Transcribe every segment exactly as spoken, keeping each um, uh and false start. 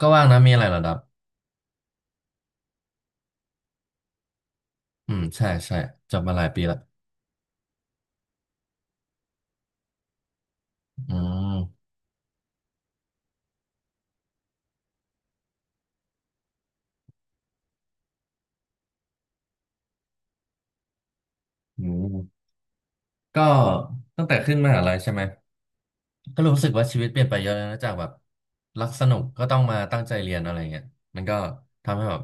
ก็ว่างนะมีอะไรเหรอดับอืมใช่ใช่จบมาหลายปีละอืมอืมก็ตั้งแต่ขึ้นมหาลัยใช่ไหมก็รู้สึกว่าชีวิตเปลี่ยนไปเยอะเลยนะจากแบบรักสนุกก็ต้องมาตั้งใจเรียนอะไรเงี้ยมันก็ทำให้แบบ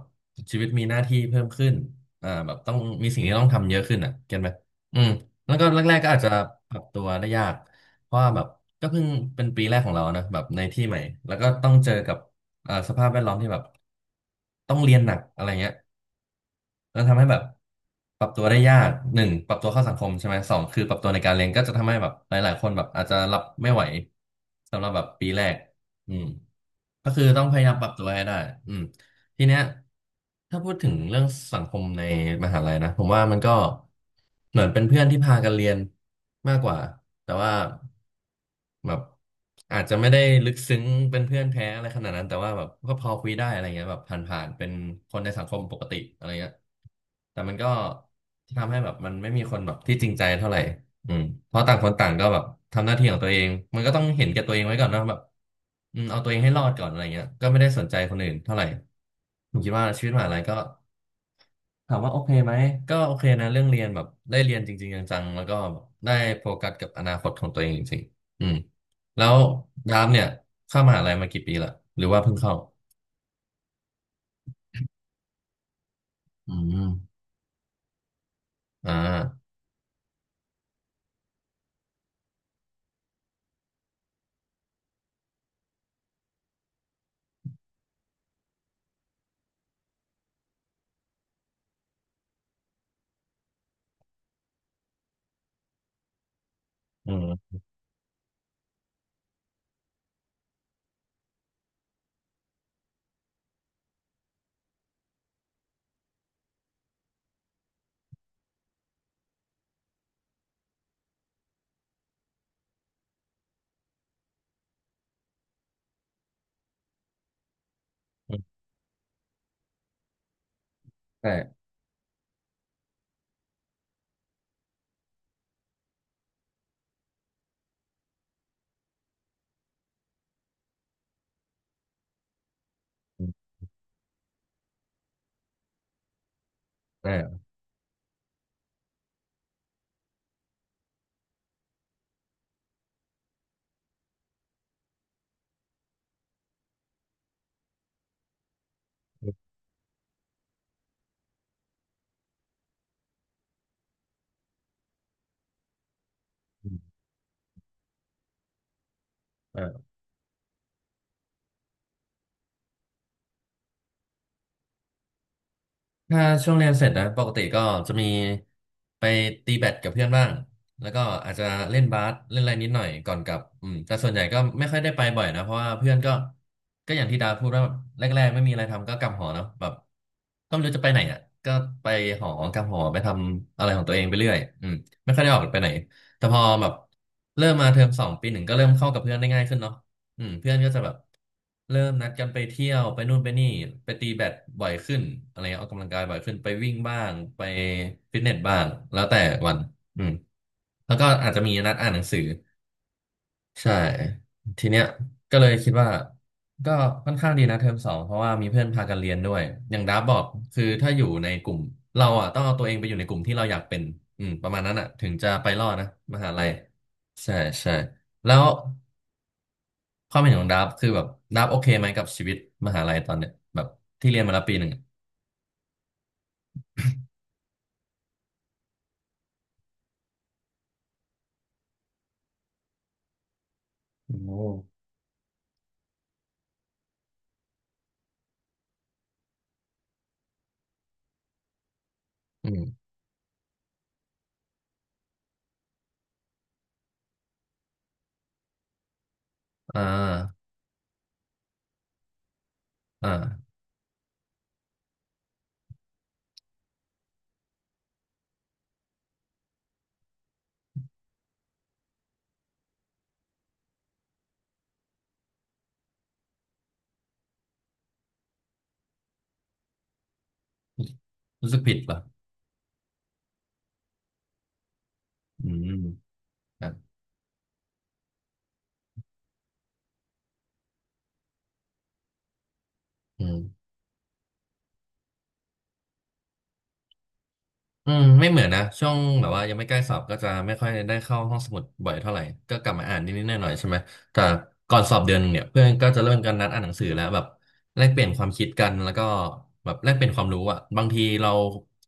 ชีวิตมีหน้าที่เพิ่มขึ้นอ่าแบบต้องมีสิ่งที่ต้องทำเยอะขึ้นอ่ะเก็ตไหมอืมแล้วก็แรกๆก็อาจจะปรับตัวได้ยากเพราะว่าแบบก็เพิ่งเป็นปีแรกของเรานะแบบในที่ใหม่แล้วก็ต้องเจอกับอ่าสภาพแวดล้อมที่แบบต้องเรียนหนักอะไรเงี้ย แล้วทำให้แบบปรับตัวได้ยากหนึ่งปรับตัวเข้าสังคมใช่ไหมสองคือปรับตัวในการเรียนก็จะทำให้แบบหลายๆคนแบบอาจจะรับไม่ไหวสำหรับแบบปีแรกอืมก็คือต้องพยายามปรับตัวให้ได้อืม ทีเนี้ยถ้าพูดถึงเรื่องสังคมในมหาลัยนะผมว่ามันก็เหมือนเป็นเพื่อนที่พากันเรียนมากกว่าแต่ว่าแบบอาจจะไม่ได้ลึกซึ้งเป็นเพื่อนแท้อะไรขนาดนั้นแต่ว่าแบบก็พอคุยได้อะไรเงี้ยแบบผ่านๆเป็นคนในสังคมปกติอะไรเงี้ยแต่มันก็ทำให้แบบมันไม่มีคนแบบที่จริงใจเท่าไหร่ อืมเพราะต่างคนต่างก็แบบทำหน้าที่ของตัวเองมันก็ต้องเห็นแก่ตัวเองไว้ก่อนเนอะแบบอืมเอาตัวเองให้รอดก่อนอะไรเงี้ยก็ไม่ได้สนใจคนอื่นเท่าไหร่ผมคิดว่าชีวิตมหาลัยก็ถามว่าโอเคไหมก็โอเคนะเรื่องเรียนแบบได้เรียนจริงๆจังๆแล้วก็ได้โฟกัสกับอนาคตของตัวเองจริงๆอืมแล้วยามเนี่ยเข้ามหาลัยมากี่ปีละหรือว่าเพิ่งเข้าอืมอ่าอืมอืมใชอืมใช่ะอืมอ่า ถ้าช่วงเรียนเสร็จนะปกติก็จะมีไปตีแบดกับเพื่อนบ้างแล้วก็อาจจะเล่นบาสเล่นอะไรนิดหน่อยก่อนกลับอืมแต่ส่วนใหญ่ก็ไม่ค่อยได้ไปบ่อยนะเพราะว่าเพื่อนก็ก็อย่างที่ดาพูดว่าแรกๆไม่มีอะไรทำก็กลับหอเนาะแบบก็ไม่รู้จะไปไหนอ่ะก็ไปหอกลับหอไปทำอะไรของตัวเองไปเรื่อยอืมไม่ค่อยได้ออกไปไหนแต่พอแบบเริ่มมาเทอมสองปีหนึ่งก็เริ่มเข้ากับเพื่อนได้ง่ายขึ้นเนาะ อืมเพื่อนก็จะแบบเริ่มนัดกันไปเที่ยวไปนู่นไปนี่ไปตีแบดบ่อยขึ้นอะไรเงี้ยออกกำลังกายบ่อยขึ้นไปวิ่งบ้างไปฟิตเนสบ้างแล้วแต่วันอืมแล้วก็อาจจะมีนัดอ่านหนังสือใช่ทีเนี้ยก็เลยคิดว่าก็ค่อนข้างดีนะเทอมสองเพราะว่ามีเพื่อนพากันเรียนด้วยอย่างดาบบอกคือถ้าอยู่ในกลุ่มเราอ่ะต้องเอาตัวเองไปอยู่ในกลุ่มที่เราอยากเป็นอืมประมาณนั้นอ่ะถึงจะไปรอดนะมหาลัยใช่ใช่แล้ว ความเห็นของดับคือแบบดับโอเคไหมกับชีวิตมหาลัยตอนเนี้ยแบบที่เรียนมาแล้วปีหนึ่งอะโอ้อืมอ่าอ่ารู้สึกผิดป่ะอืมครับอืม อืมไม่เหมือนนะช่วงแบบว่ายังไม่ใกล้สอบก็จะไม่ค่อยได้เข้าห้องสมุดบ่อยเท่าไหร่ก็กลับมาอ่านนิดๆหน่อยๆใช่ไหมแต่ก่อนสอบเดือนหนึ่งเนี่ยเพื่อนก็จะเริ่มกันนัดอ่านหนังสือแล้วแบบแลกเปลี่ยนความคิดกันแล้วก็แบบแลกเปลี่ยนความรู้อ่ะบางทีเรา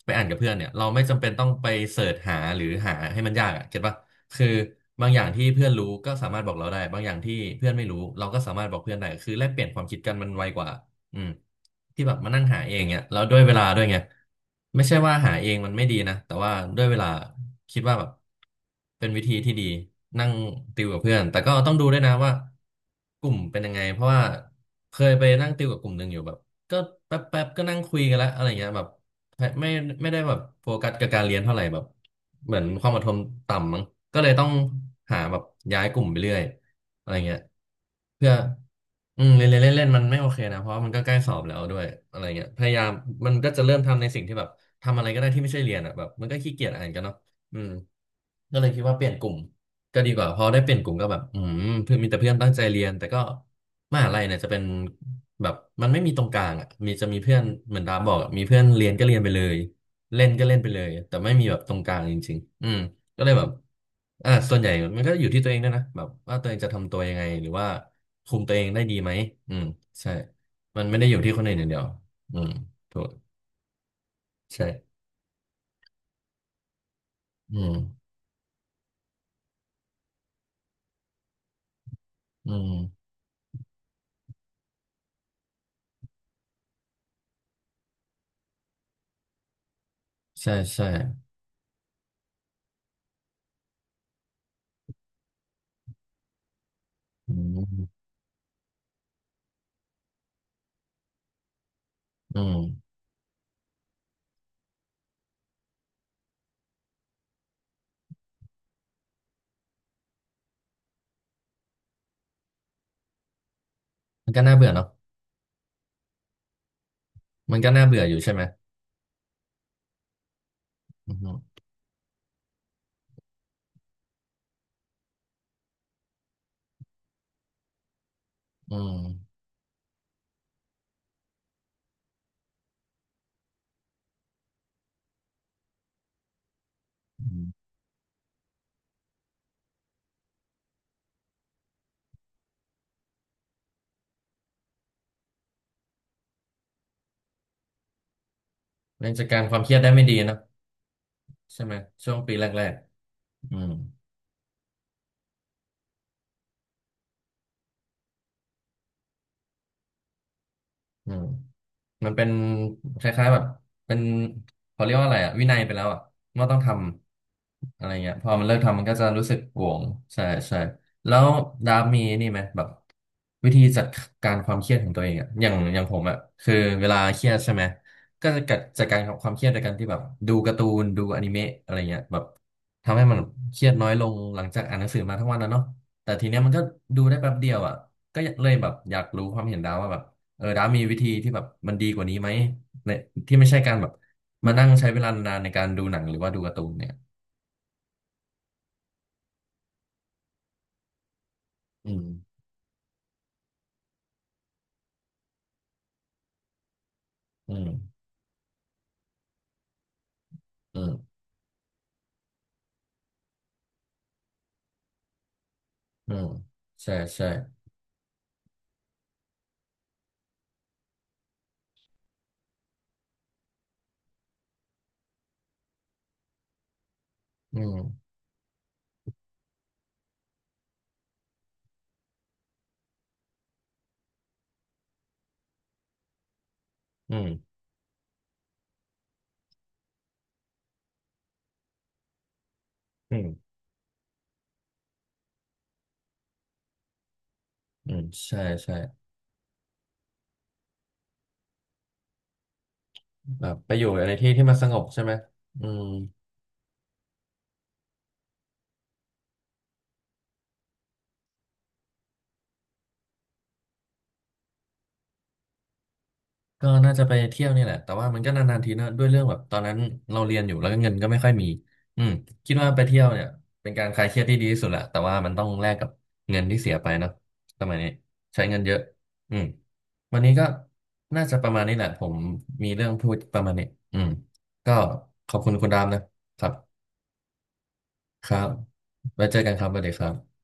ไปอ่านกับเพื่อนเนี่ยเราไม่จำเป็นต้องไปเสิร์ชหาหรือหาให้มันยากอ่ะเก็ตปะคือบางอย่างที่เพื่อนรู้ก็สามารถบอกเราได้บางอย่างที่เพื่อนไม่รู้เราก็สามารถบอกเพื่อนได้คือแลกเปลี่ยนความคิดกันมันไวกว่า อืมที่แบบมานั่งหาเองเนี่ยแล้วด้วยเวลาด้วยไงไม่ใช่ว่าหาเองมันไม่ดีนะแต่ว่าด้วยเวลาคิดว่าแบบเป็นวิธีที่ดีนั่งติวกับเพื่อนแต่ก็ต้องดูด้วยนะว่ากลุ่มเป็นยังไงเพราะว่าเคยไปนั่งติวกับกลุ่มหนึ่งอยู่แบบก็แป๊บแป๊บก็นั่งคุยกันแล้วอะไรเงี้ยแบบไม่ไม่ได้แบบโฟกัสกับการเรียนเท่าไหร่แบบเหมือนความอดทนต่ำมั้งก็เลยต้องหาแบบย้ายกลุ่มไปเรื่อย อะไรเงี้ยเพื่ออืมเล่นเล่นเล่นเล่นมันไม่โอเคนะเพราะว่ามันก็ใกล้สอบแล้วด้วยอะไรเงี้ยพยายามมันก็จะเริ่มทำในสิ่งที่แบบทำอะไรก็ได้ที่ไม่ใช่เรียนอ่ะแบบมันก็ขี้เกียจอ่านกันเนาะอืมก็เลยคิดว่าเปลี่ยนกลุ่มก็ดีกว่าพอได้เปลี่ยนกลุ่มก็แบบอืมเพื่อนมีแต่เพื่อนตั้งใจเรียนแต่ก็มหาลัยเนี่ยจะเป็นแบบมันไม่มีตรงกลางอ่ะมีจะมีเพื่อนเหมือนดาบอกอะมีเพื่อนเรียนก็เรียนไปเลยเล่นก็เล่นไปเลยแต่ไม่มีแบบตรงกลางจริงๆอืม ก็เลยแบบอ่าส่วนใหญ่มันก็อยู่ที่ตัวเองด้วยนะแบบว่าตัวเองจะทำตัวยังไงหรือว่าคุมตัวเองได้ดีไหมอืมใช่มันไม่ได้อยู่ที่คนอื่นอย่างเดียวอืมถูกใช่อืมอืมใช่ใช่อืมอืมมันก็น่าเบื่อเนาะมันก็น่าเบื่ออยู่ใช่ไหมอืมอืมอืมเรื่องจัดการความเครียดได้ไม่ดีเนาะใช่ไหมช่วงปีแรกๆอืมอืม มันเป็นคล้ายๆแบบเป็นเขาเรียกว่าอะไรอะวินัยไปแล้วอะว่าต้องทำอะไรเงี้ยพอมันเลิกทำมันก็จะรู้สึกโหวงใช่ใช่แล้วดาฟมีนี่ไหมแบบวิธีจัดการความเครียดของตัวเองอะอย่างอย่างผมอะคือเวลาเครียดใช่ไหมก็จะจัดจัดการกับความเครียดโดยการที่แบบดูการ์ตูนดูอนิเมะอะไรเงี้ยแบบทำให้มันเครียดน้อยลงหลังจากอ่านหนังสือมาทั้งวันนะเนาะแต่ทีเนี้ยมันก็ดูได้แป๊บเดียวอะก็เลยแบบอยากรู้ความเห็นดาฟว่าแบบ เออดาฟมีวิธีที่แบบมันดีกว่านี้ไหมในที่ไม่ใช่การแบบมานั่งใช้เวลานานในการดูหนังหรือว่าดูการ์ตูนเนี่ยอืมอืมอืมอืมใช่ใช่อืมอืมอืมอืมใช่ใช่แบบไปอยู่ในที่ที่มันสงบใช่ไหมอืม ก็น่าจะไปเที่ยวนี่แหละแต่ว่ามันก็นานๆทีนะด้วยเรื่องแบบตอนนั้นเราเรียนอยู่แล้วก็เงินก็ไม่ค่อยมีอืมคิดว่าไปเที่ยวเนี่ยเป็นการคลายเครียดที่ดีที่สุดแหละแต่ว่ามันต้องแลกกับเงินที่เสียไปเนอะสมัยนี้ใช้เงินเยอะอืมวันนี้ก็น่าจะประมาณนี้แหละผมมีเรื่องพูดประมาณนี้อืมก็ขอบคุณคุณดามนะครับครับไว้เจอกันครับสวัสดีครับ